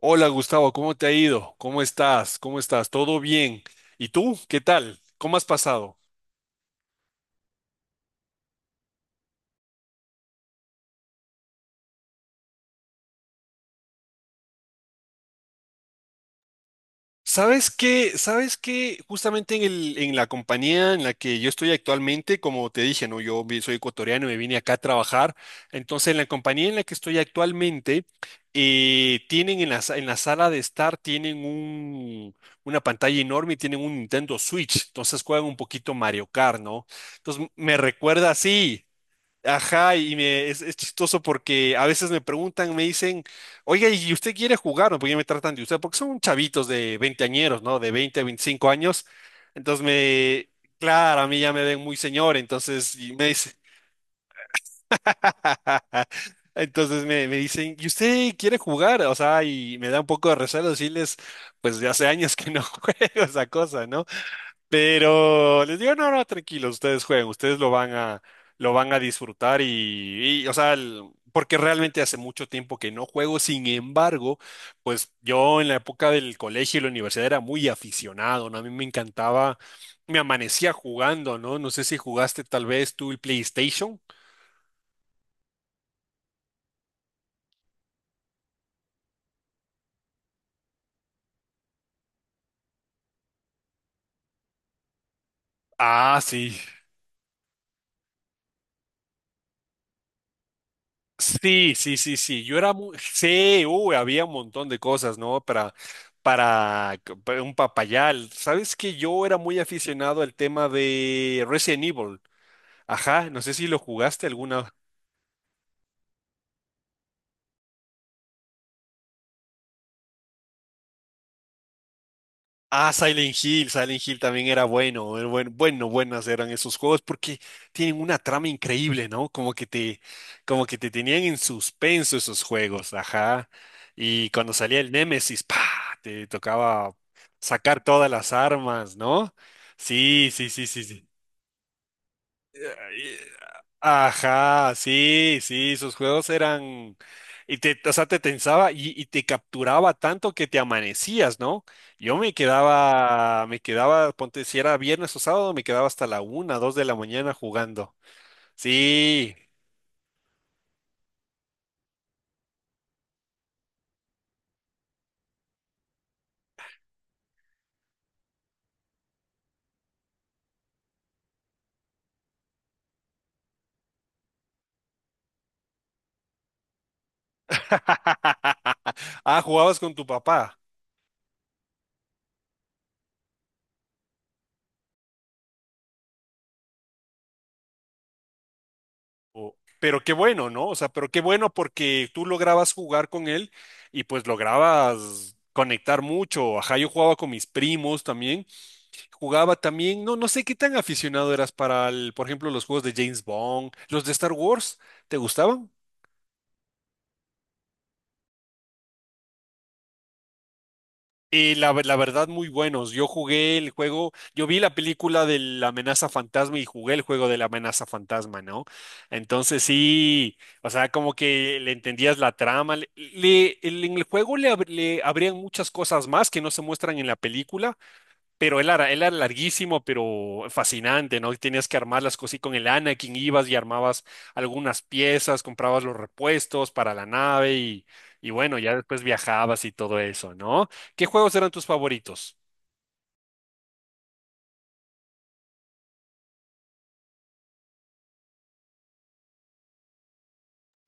Hola Gustavo, ¿cómo te ha ido? ¿Cómo estás? ¿Todo bien? ¿Y tú? ¿Qué tal? ¿Cómo has pasado? ¿Sabes qué? Justamente en la compañía en la que yo estoy actualmente, como te dije, ¿no? Soy ecuatoriano y me vine acá a trabajar. Entonces, en la compañía en la que estoy actualmente, tienen en la sala de estar, tienen una pantalla enorme y tienen un Nintendo Switch. Entonces juegan un poquito Mario Kart, ¿no? Entonces me recuerda así. Ajá, es chistoso porque a veces me preguntan, me dicen, oiga, ¿y usted quiere jugar?, ¿no? Porque ya me tratan de usted, porque son chavitos de veinteañeros, ¿no? De 20 a 25 años. Entonces me, claro, a mí ya me ven muy señor, entonces y me dice, me dicen, ¿y usted quiere jugar? O sea, y me da un poco de recelo decirles, pues de hace años que no juego esa cosa, no, pero les digo, no, no, tranquilos, ustedes jueguen, ustedes lo van a disfrutar o sea, porque realmente hace mucho tiempo que no juego. Sin embargo, pues yo en la época del colegio y la universidad era muy aficionado, ¿no? A mí me encantaba, me amanecía jugando, ¿no? No sé si jugaste tal vez tú el PlayStation. Ah, sí. Sí, sí, sí, sí. Yo era muy... Sí, uy, había un montón de cosas, ¿no? Para un papayal. ¿Sabes que yo era muy aficionado al tema de Resident Evil? Ajá, no sé si lo jugaste alguna. Ah, Silent Hill, Silent Hill también era bueno, era bueno, buenas eran esos juegos porque tienen una trama increíble, ¿no? Como que te tenían en suspenso esos juegos, ajá. Y cuando salía el Némesis, ¡pa!, te tocaba sacar todas las armas, ¿no? Sí, sí, sí, sí, sí. Eh, Ajá, sí, sí, sus juegos eran, y te, o sea, te tensaba y te capturaba tanto que te amanecías, ¿no? Yo me quedaba, ponte, si era viernes o sábado, me quedaba hasta la una, dos de la mañana jugando. Sí. Ah, jugabas con tu papá. Pero qué bueno, ¿no? O sea, pero qué bueno porque tú lograbas jugar con él y pues lograbas conectar mucho. Ajá, yo jugaba con mis primos también. Jugaba también, no, no sé qué tan aficionado eras para, por ejemplo, los juegos de James Bond, los de Star Wars, ¿te gustaban? Y la verdad, muy buenos. Yo jugué el juego, yo vi la película de La Amenaza Fantasma y jugué el juego de La Amenaza Fantasma, ¿no? Entonces sí, o sea, como que le entendías la trama. En el juego le abrían muchas cosas más que no se muestran en la película. Pero él era larguísimo, pero fascinante, ¿no? Y tenías que armar las cosas y con el Anakin ibas y armabas algunas piezas, comprabas los repuestos para la nave y bueno, ya después viajabas y todo eso, ¿no? ¿Qué juegos eran tus favoritos?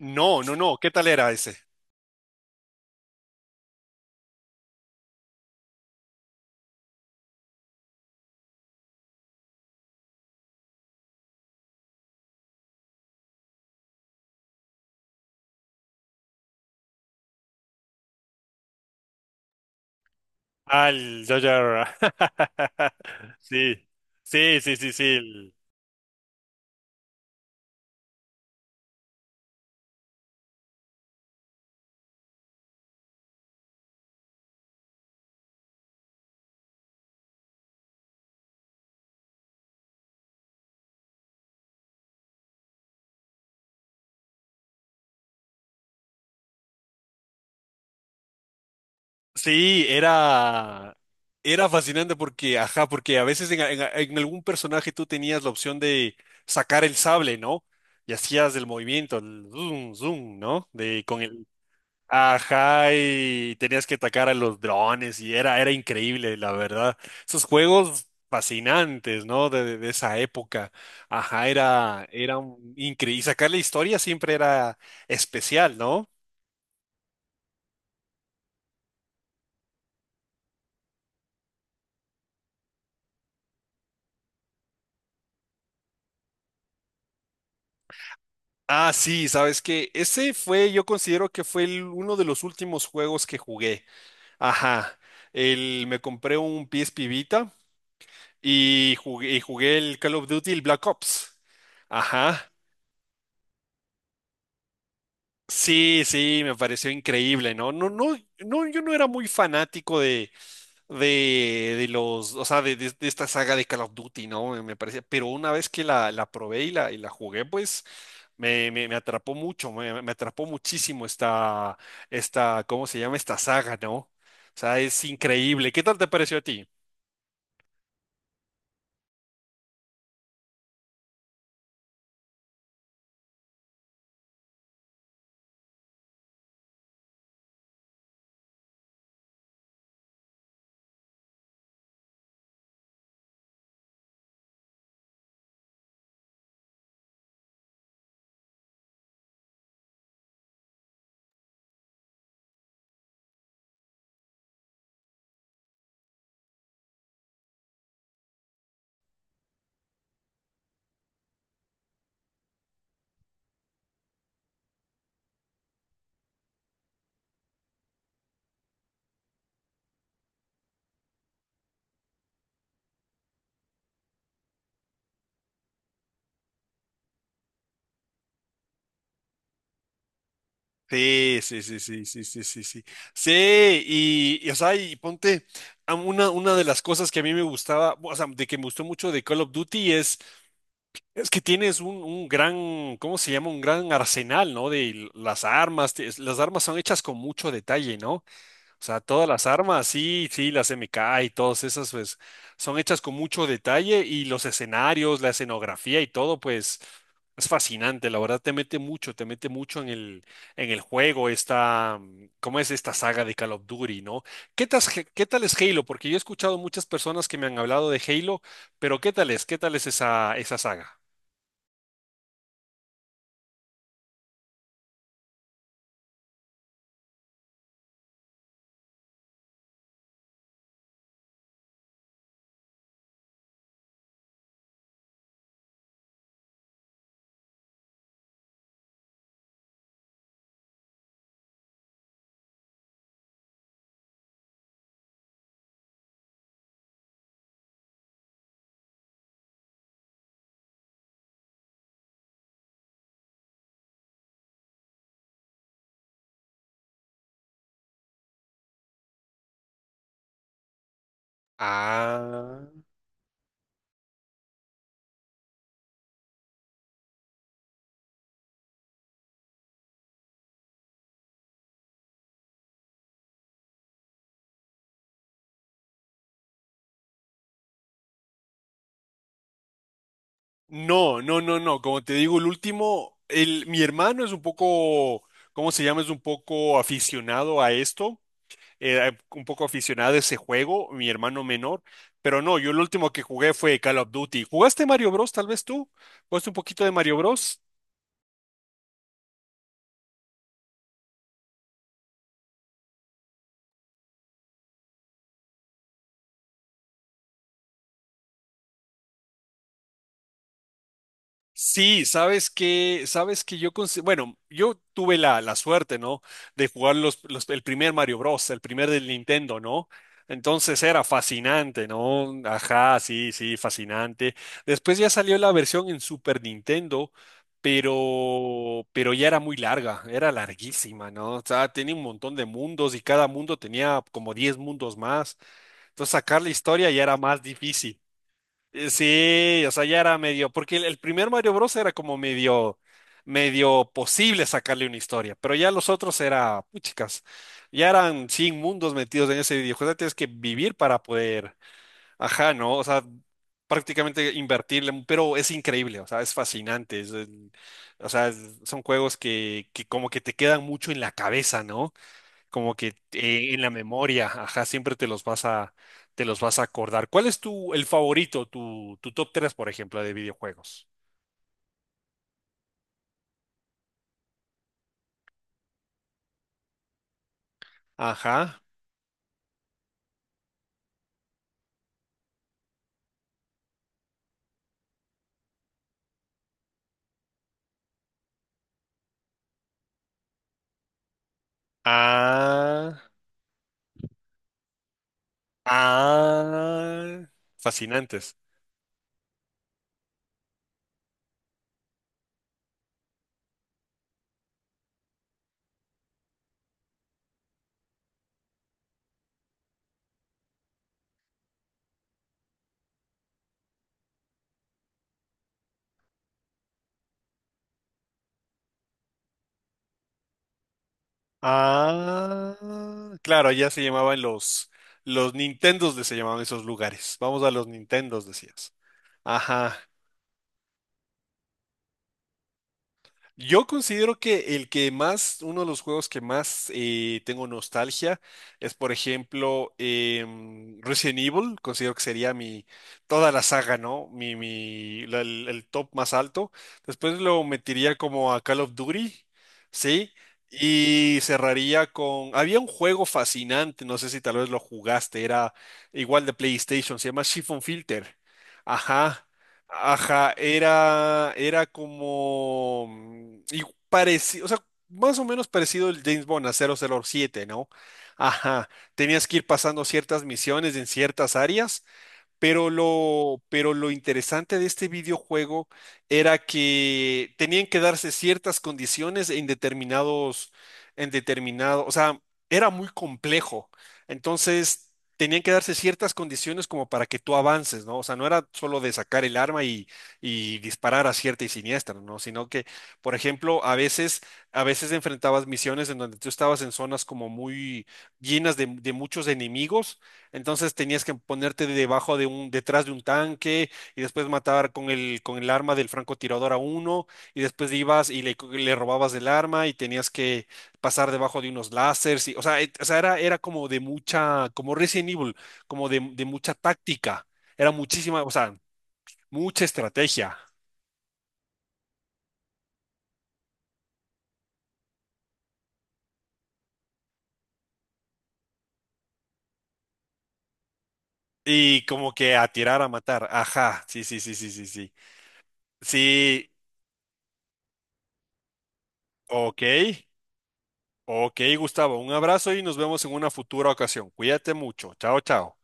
No, no, no, ¿qué tal era ese? Al Jar Jar. Sí, sí, sí, sí, sí. Sí, era, era fascinante porque, ajá, porque a veces en algún personaje tú tenías la opción de sacar el sable, ¿no? Y hacías el movimiento, el zoom, zoom, ¿no? De con el, ajá, y tenías que atacar a los drones y era, era increíble, la verdad. Esos juegos fascinantes, ¿no? De esa época, ajá, era, era increíble. Y sacar la historia siempre era especial, ¿no? Ah, sí, sabes que ese fue, yo considero que fue uno de los últimos juegos que jugué. Ajá, el, me compré un PSP Vita y jugué el Call of Duty, el Black Ops. Ajá, sí, sí, me pareció increíble, ¿no? No, no, no, yo no era muy fanático o sea, de esta saga de Call of Duty, ¿no? Me parece, pero una vez que la probé y y la jugué, pues me atrapó mucho, me atrapó muchísimo esta, esta, ¿cómo se llama? Esta saga, ¿no? O sea, es increíble. ¿Qué tal te pareció a ti? Sí, sí, sí, sí, sí, sí, sí, sí. Sí, y, o sea, y ponte, a una de las cosas que a mí me gustaba, o sea, de que me gustó mucho de Call of Duty es. Es que tienes un gran, ¿cómo se llama? Un gran arsenal, ¿no? De las armas. Las armas son hechas con mucho detalle, ¿no? O sea, todas las armas, sí, sí, las MK y todas esas, pues, son hechas con mucho detalle y los escenarios, la escenografía y todo, pues, es fascinante. La verdad, te mete mucho en el juego esta, ¿cómo es esta saga de Call of Duty, ¿no? ¿Qué tal, es Halo? Porque yo he escuchado muchas personas que me han hablado de Halo, pero ¿qué tal es? ¿Qué tal es esa saga? Ah, no, no, no, no. Como te digo, el último, el, mi hermano es un poco, ¿cómo se llama? Es un poco aficionado a esto, un poco aficionado a ese juego, mi hermano menor. Pero no, yo el último que jugué fue Call of Duty. ¿Jugaste Mario Bros? Tal vez tú. ¿Jugaste un poquito de Mario Bros? Sí, sabes que, yo, bueno, yo tuve la suerte, ¿no? De jugar el primer Mario Bros, el primer del Nintendo, ¿no? Entonces era fascinante, ¿no? Ajá, sí, sí, fascinante. Después ya salió la versión en Super Nintendo, pero ya era muy larga, era larguísima, ¿no? O sea, tenía un montón de mundos y cada mundo tenía como 10 mundos más. Entonces sacar la historia ya era más difícil. Sí, o sea, ya era medio, porque el primer Mario Bros. Era como medio, medio posible sacarle una historia, pero ya los otros era, puchicas, ya eran 100 mundos metidos en ese videojuego, o tienes que vivir para poder, ajá, ¿no? O sea, prácticamente invertirle, pero es increíble, o sea, es fascinante, o sea, son juegos que como que te quedan mucho en la cabeza, ¿no? Como que en la memoria, ajá, siempre te los vas a acordar. ¿Cuál es tu, el favorito, tu top tres por ejemplo, de videojuegos? Ajá. Ah, ah, fascinantes. Ah, claro, ya se llamaban los Nintendos de se llamaban esos lugares. Vamos a los Nintendos, decías. Ajá. Yo considero que el que más, uno de los juegos que más tengo nostalgia es, por ejemplo, Resident Evil. Considero que sería mi, toda la saga, ¿no? Mi, el top más alto. Después lo metería como a Call of Duty, ¿sí? Y cerraría con, había un juego fascinante, no sé si tal vez lo jugaste, era igual de PlayStation, se llama Chiffon Filter. Ajá. Ajá, era, era como... Y parecido, o sea, más o menos parecido el James Bond a 007, ¿no? Ajá, tenías que ir pasando ciertas misiones en ciertas áreas, pero lo interesante de este videojuego era que tenían que darse ciertas condiciones en determinados, en determinado, o sea, era muy complejo. Entonces, tenían que darse ciertas condiciones como para que tú avances, ¿no? O sea, no era solo de sacar el arma y disparar a cierta y siniestra, ¿no? Sino que, por ejemplo, a veces enfrentabas misiones en donde tú estabas en zonas como muy llenas de muchos enemigos, entonces tenías que ponerte debajo de un, detrás de un tanque y después matar con el arma del francotirador a uno y después ibas y le robabas el arma y tenías que pasar debajo de unos láseres y, o sea, o sea, era, era como de mucha, como Resident Evil, como de mucha táctica, era muchísima, o sea, mucha estrategia y como que a tirar a matar, ajá, sí, sí, sí, sí, sí, sí, sí, ok. Ok, Gustavo, un abrazo y nos vemos en una futura ocasión. Cuídate mucho. Chao, chao.